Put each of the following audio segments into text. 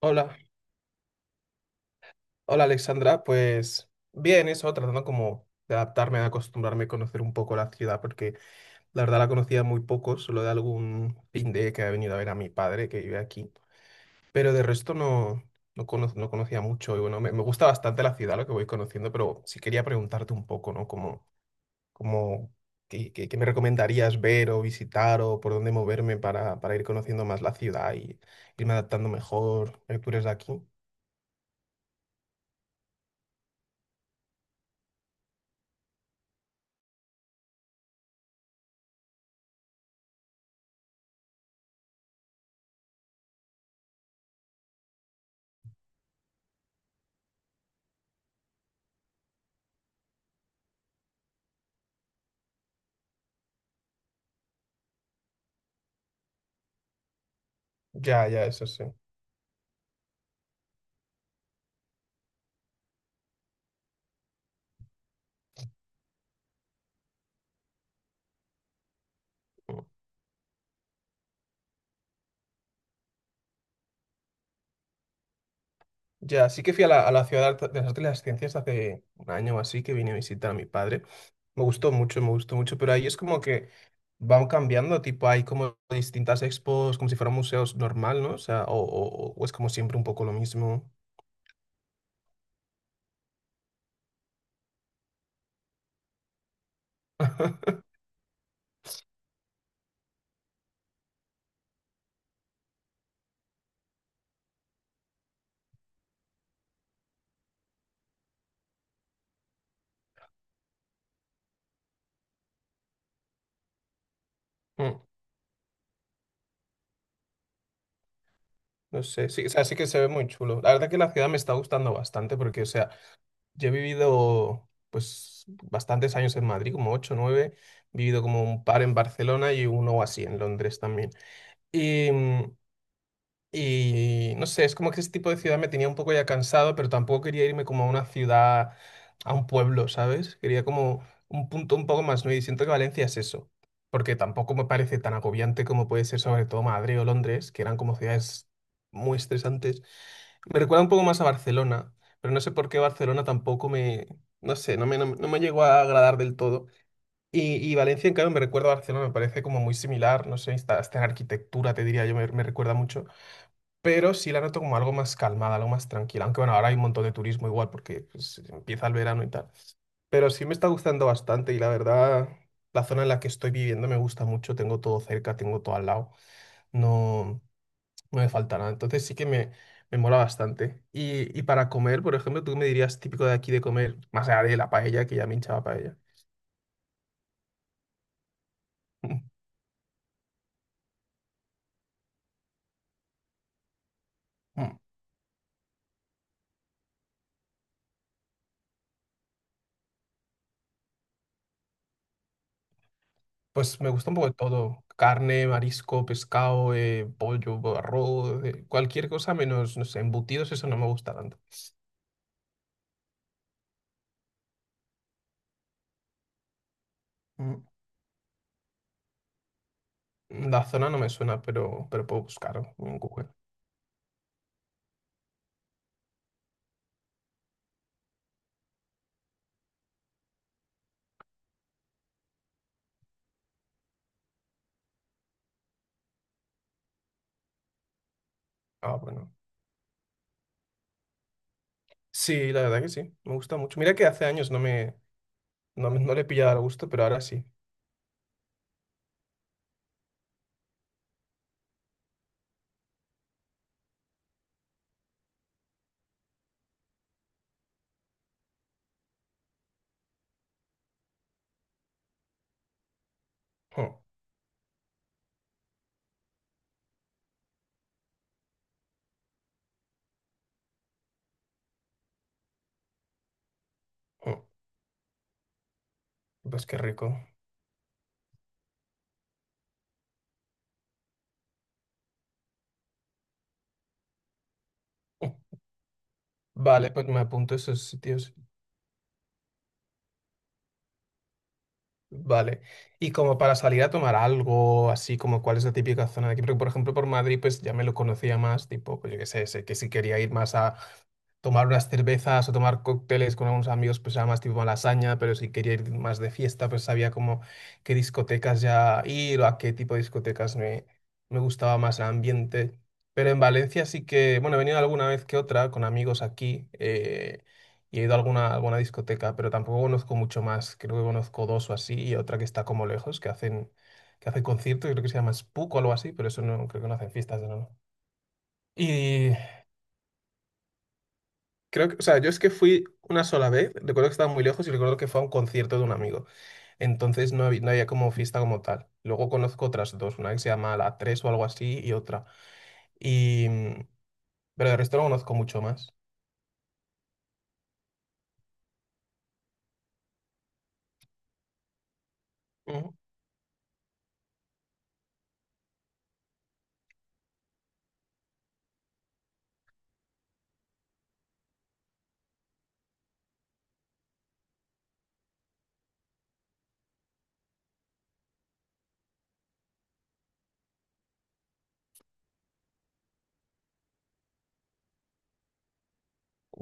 Hola, hola, Alexandra, pues bien, eso, tratando como de adaptarme, de acostumbrarme a conocer un poco la ciudad, porque la verdad la conocía muy poco, solo de algún de que ha venido a ver a mi padre que vive aquí, pero de resto no, no conocía mucho y bueno, me gusta bastante la ciudad, lo que voy conociendo, pero sí quería preguntarte un poco, ¿no? Como, qué me recomendarías ver o visitar o por dónde moverme para ir conociendo más la ciudad y irme adaptando mejor? Tú eres de aquí. Ya, ya, eso sí. Ya, sí que fui a a la ciudad de las Artes y las Ciencias hace un año o así que vine a visitar a mi padre. Me gustó mucho, pero ahí es como que van cambiando, tipo hay como distintas expos, como si fueran museos normal, ¿no? O sea, o es como siempre un poco lo mismo. Mm, no sé, sí, o sea, sí que se ve muy chulo. La verdad que la ciudad me está gustando bastante porque, o sea, yo he vivido pues bastantes años en Madrid, como 8 nueve, he vivido como un par en Barcelona y uno o así en Londres también. Y no sé, es como que ese tipo de ciudad me tenía un poco ya cansado, pero tampoco quería irme como a una ciudad, a un pueblo, ¿sabes? Quería como un punto un poco más nuevo y siento que Valencia es eso, porque tampoco me parece tan agobiante como puede ser sobre todo Madrid o Londres, que eran como ciudades muy estresantes. Me recuerda un poco más a Barcelona, pero no sé por qué Barcelona tampoco me, no sé, no me llegó a agradar del todo. Y Valencia, en cambio, me recuerda a Barcelona, me parece como muy similar, no sé, hasta en arquitectura, te diría yo, me recuerda mucho, pero sí la noto como algo más calmada, algo más tranquila. Aunque bueno, ahora hay un montón de turismo igual porque pues, empieza el verano y tal. Pero sí me está gustando bastante y la verdad, la zona en la que estoy viviendo me gusta mucho. Tengo todo cerca, tengo todo al lado. No, no me falta nada. Entonces sí que me mola bastante. Y para comer, por ejemplo, ¿tú qué me dirías típico de aquí de comer? Más allá de la paella, que ya me hinchaba paella. Pues me gusta un poco de todo. Carne, marisco, pescado, pollo, arroz, cualquier cosa menos, no sé, embutidos, eso no me gusta tanto. Mm. La zona no me suena, pero puedo buscar en Google. Ah, bueno. Sí, la verdad que sí, me gusta mucho. Mira que hace años no le he pillado al gusto, pero ahora sí. Mm, mm, Pues qué rico. Mm. Vale, pues me apunto esos sitios. Vale. Y como para salir a tomar algo, así como cuál es la típica zona de aquí, porque por ejemplo por Madrid pues ya me lo conocía más, tipo, pues yo qué sé, sé que si quería ir más a, tomar unas cervezas o tomar cócteles con algunos amigos, pues era más tipo lasaña, pero si quería ir más de fiesta, pues sabía como qué discotecas ya ir o a qué tipo de discotecas me gustaba más el ambiente. Pero en Valencia sí que, bueno, he venido alguna vez que otra con amigos aquí y he ido a alguna discoteca, pero tampoco conozco mucho más. Creo que conozco dos o así y otra que está como lejos, que hacen conciertos, creo que se llama Spook o algo así, pero eso no, creo que no hacen fiestas de no. Y creo que, o sea, yo es que fui una sola vez, recuerdo que estaba muy lejos y recuerdo que fue a un concierto de un amigo. Entonces no había como fiesta como tal. Luego conozco otras dos, una que se llama La 3 o algo así y otra. Y, mm, pero el resto no conozco mucho más. Ujú,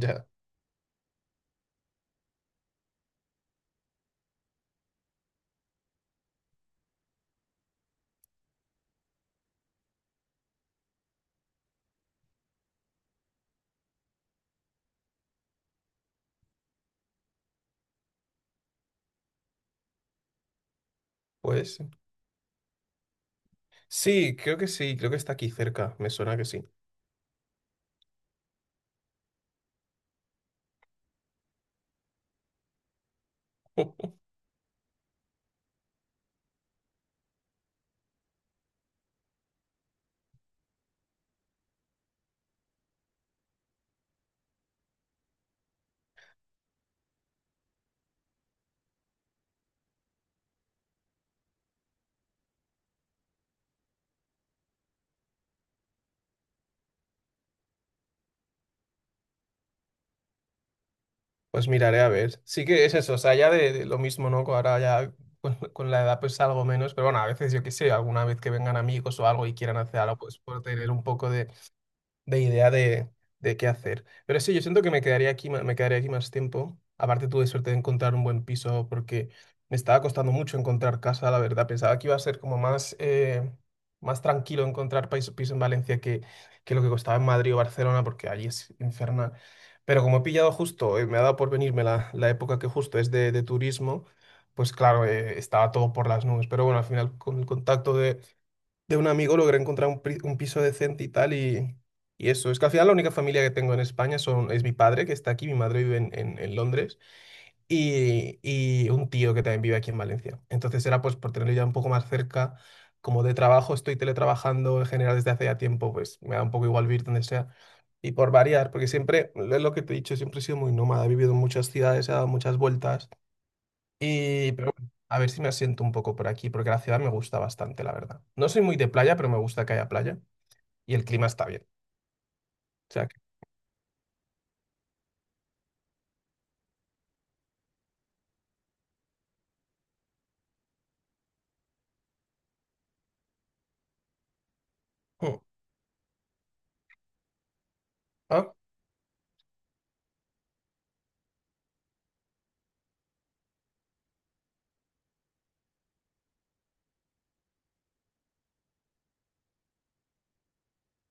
ya, pues sí, creo que está aquí cerca, me suena que sí. Pues miraré a ver. Sí que es eso, o sea, ya de lo mismo, ¿no? Que ahora ya con la edad pues algo menos, pero bueno, a veces yo qué sé, alguna vez que vengan amigos o algo y quieran hacer algo, pues por tener un poco de idea de qué hacer. Pero sí, yo siento que me quedaría aquí, me quedaría aquí más tiempo. Aparte tuve suerte de encontrar un buen piso porque me estaba costando mucho encontrar casa, la verdad. Pensaba que iba a ser como más, más tranquilo encontrar piso, en Valencia que lo que costaba en Madrid o Barcelona, porque allí es infernal. Pero como he pillado justo, me ha dado por venirme la época que justo es de turismo, pues claro, estaba todo por las nubes. Pero bueno, al final con el contacto de un amigo logré encontrar un piso decente y tal, y eso. Es que al final la única familia que tengo en España es mi padre, que está aquí, mi madre vive en, en Londres, y un tío que también vive aquí en Valencia. Entonces era pues por tenerlo ya un poco más cerca, como de trabajo estoy teletrabajando en general desde hace ya tiempo, pues me da un poco igual vivir donde sea. Y por variar, porque siempre, es lo que te he dicho, siempre he sido muy nómada, he vivido en muchas ciudades, he dado muchas vueltas. Pero bueno, a ver si me asiento un poco por aquí, porque la ciudad me gusta bastante, la verdad. No soy muy de playa, pero me gusta que haya playa y el clima está bien. O sea que. Mm. Ah,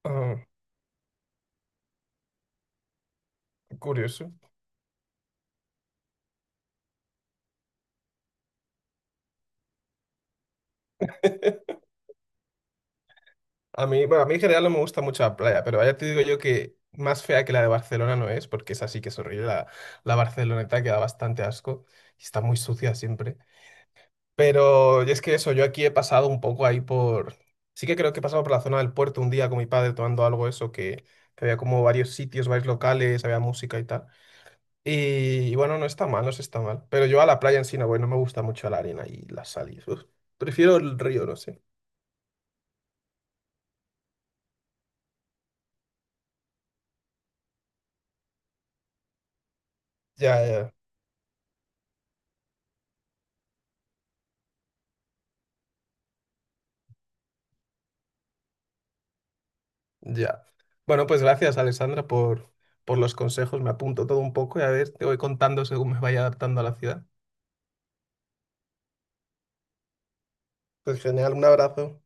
ah, curioso. A mí, bueno, a mí en general no me gusta mucho la playa, pero ya te digo yo que más fea que la de Barcelona no es, porque esa sí que es horrible. La barceloneta queda bastante asco y está muy sucia siempre. Pero y es que eso, yo aquí he pasado un poco ahí por... Sí que creo que he pasado por la zona del puerto un día con mi padre tomando algo eso, que había como varios sitios, varios locales, había música y tal. Y bueno, no está mal, no se está mal. Pero yo a la playa en sí no voy, no me gusta mucho la arena y las salidas. Uf, prefiero el río, no sé. Ya, ya, ya. Bueno, pues gracias, Alessandra, por los consejos. Me apunto todo un poco y a ver, te voy contando según me vaya adaptando a la ciudad. Pues genial, un abrazo.